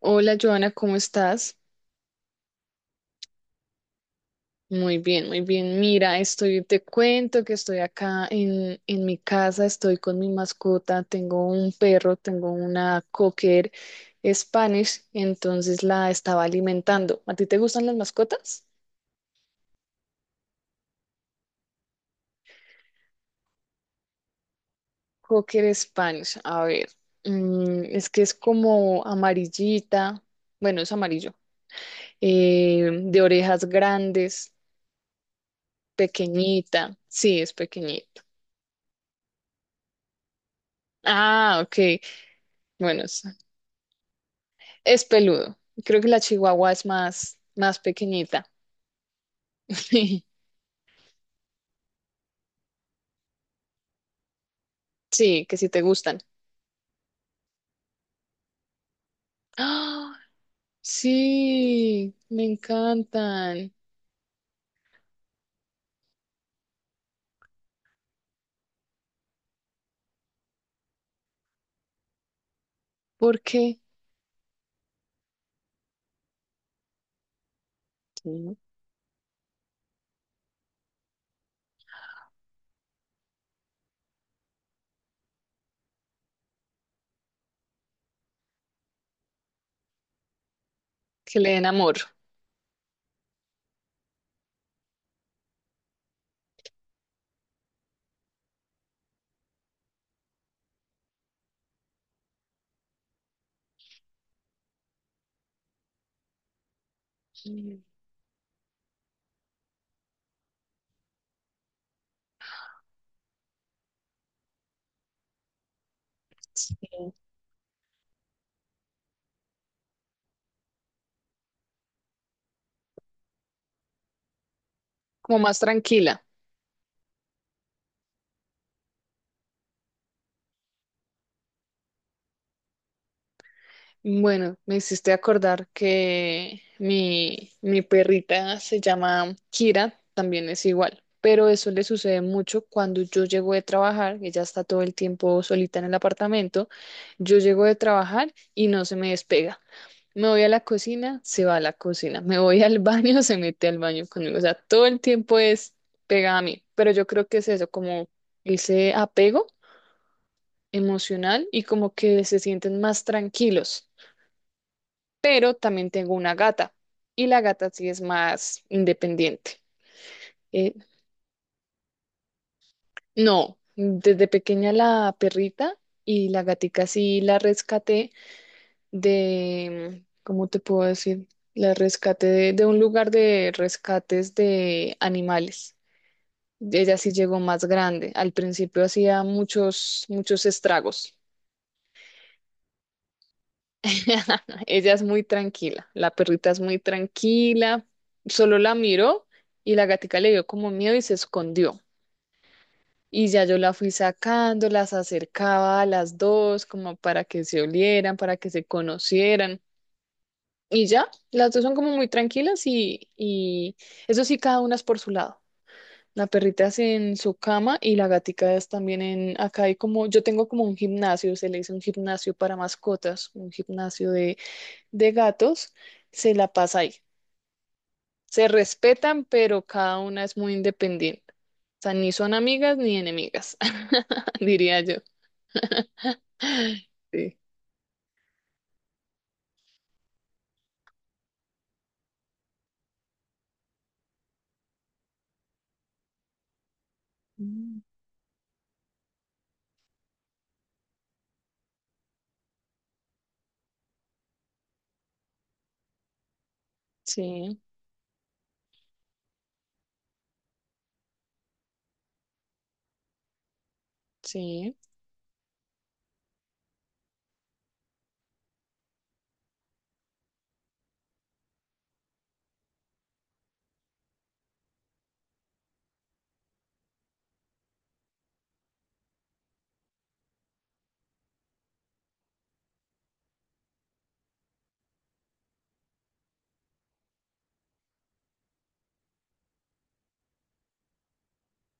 Hola, Joana, ¿cómo estás? Muy bien, muy bien. Mira, estoy, te cuento que estoy acá en mi casa, estoy con mi mascota, tengo un perro, tengo una cocker Spanish, entonces la estaba alimentando. ¿A ti te gustan las mascotas? Cocker Spanish, a ver, es que es como amarillita, bueno, es amarillo, de orejas grandes, pequeñita, sí, es pequeñita. Ah, ok. Bueno, es peludo. Creo que la chihuahua es más, más pequeñita. Sí, que si te gustan. ¡Ah! Sí, me encantan. ¿Por qué? Sí. Que le den amor. Mm. Sí. Como más tranquila. Bueno, me hiciste acordar que mi perrita se llama Kira, también es igual, pero eso le sucede mucho cuando yo llego de trabajar, ella está todo el tiempo solita en el apartamento, yo llego de trabajar y no se me despega. Me voy a la cocina, se va a la cocina, me voy al baño, se mete al baño conmigo, o sea, todo el tiempo es pegada a mí, pero yo creo que es eso, como ese apego emocional y como que se sienten más tranquilos, pero también tengo una gata y la gata sí es más independiente. Eh, no, desde pequeña la perrita, y la gatica sí la rescaté de, ¿cómo te puedo decir? La rescaté de un lugar de rescates de animales. Ella sí llegó más grande. Al principio hacía muchos, muchos estragos. Ella es muy tranquila, la perrita es muy tranquila, solo la miró y la gatica le dio como miedo y se escondió. Y ya yo la fui sacando, las acercaba a las dos como para que se olieran, para que se conocieran. Y ya, las dos son como muy tranquilas y eso sí, cada una es por su lado. La perrita es en su cama y la gatica es también en, acá hay como, yo tengo como un gimnasio, se le dice un gimnasio para mascotas, un gimnasio de gatos, se la pasa ahí. Se respetan, pero cada una es muy independiente. O sea, ni son amigas ni enemigas, diría yo. Sí. Mm. Sí, sí.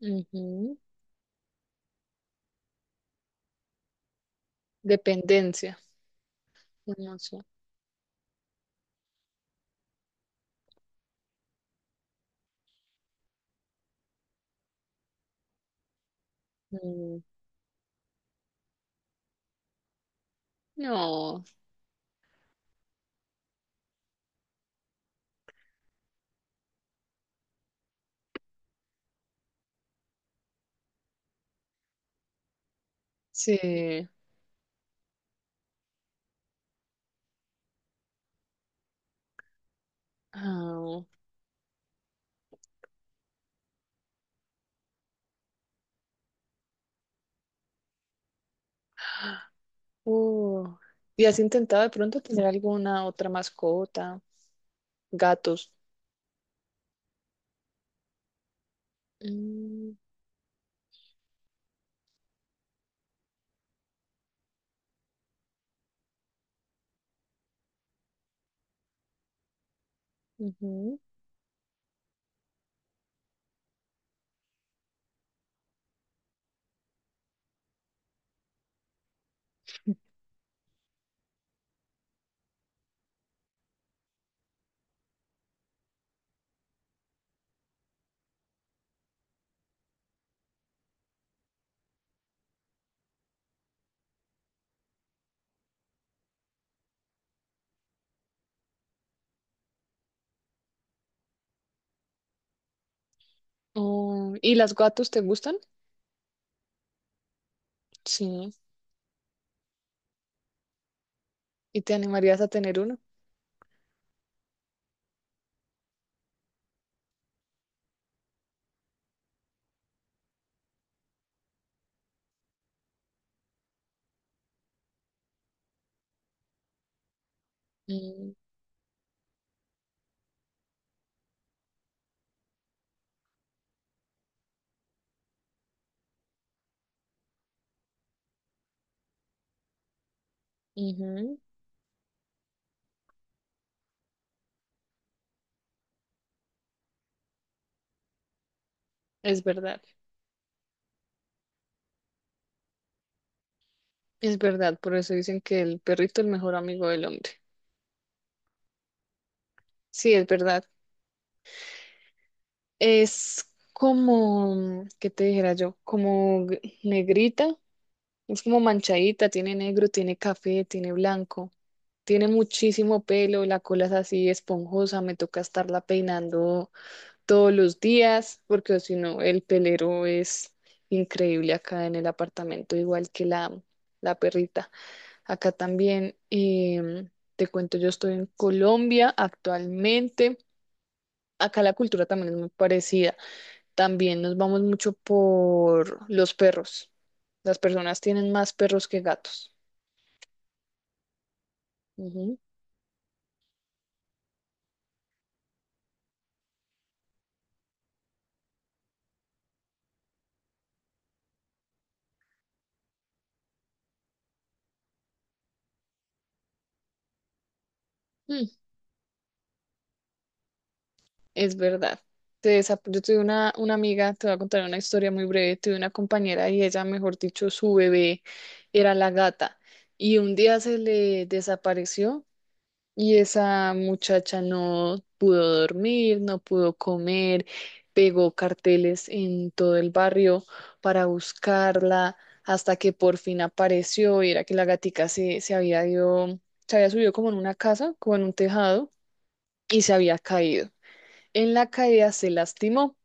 Ujú. Dependencia. No sé. Mm. No, sí. Ah. Uh. ¿Y has intentado de pronto tener alguna otra mascota? Gatos. Mm. Ujú. Oh, ¿y las gatos te gustan? Sí. ¿Y te animarías a tener uno? Mm. Ujú. Es verdad, es verdad. Por eso dicen que el perrito es el mejor amigo del hombre. Sí, es verdad. Es como, ¿qué te dijera yo? Como g- negrita, es como manchadita, tiene negro, tiene café, tiene blanco, tiene muchísimo pelo, la cola es así esponjosa, me toca estarla peinando todos los días, porque si no, el pelero es increíble acá en el apartamento, igual que la perrita. Acá también, te cuento, yo estoy en Colombia actualmente. Acá la cultura también es muy parecida. También nos vamos mucho por los perros. Las personas tienen más perros que gatos. Ujú. Mm, es verdad. Se desa- Yo tuve una amiga, te voy a contar una historia muy breve. Tuve una compañera y ella, mejor dicho, su bebé era la gata. Y un día se le desapareció. Y esa muchacha no pudo dormir, no pudo comer, pegó carteles en todo el barrio para buscarla, hasta que por fin apareció, y era que la gatica se había ido, se había subido como en una casa, como en un tejado, y se había caído. En la caída se lastimó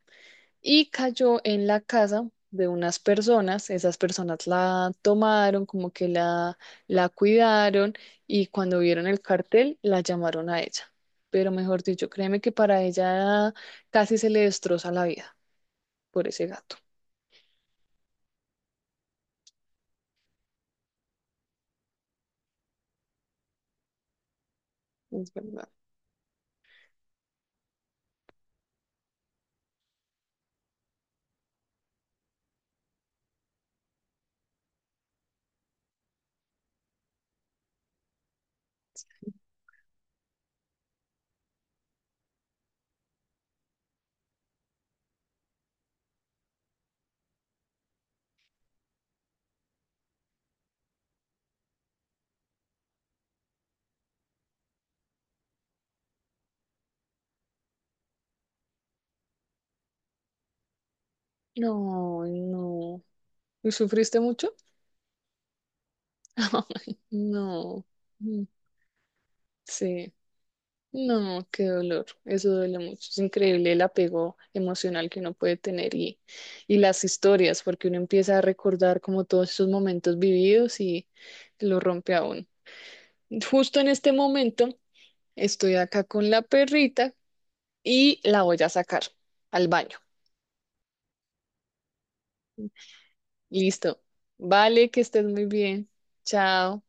y cayó en la casa de unas personas. Esas personas la tomaron, como que la cuidaron, y cuando vieron el cartel la llamaron a ella. Pero mejor dicho, créeme que para ella casi se le destroza la vida por ese gato. Es verdad. No, no. ¿Y sufriste mucho? No. Mm. Sí. No, qué dolor, eso duele mucho. Es increíble el apego emocional que uno puede tener y las historias, porque uno empieza a recordar como todos esos momentos vividos y lo rompe aún. Justo en este momento estoy acá con la perrita y la voy a sacar al baño. Listo. Vale, que estés muy bien. Chao.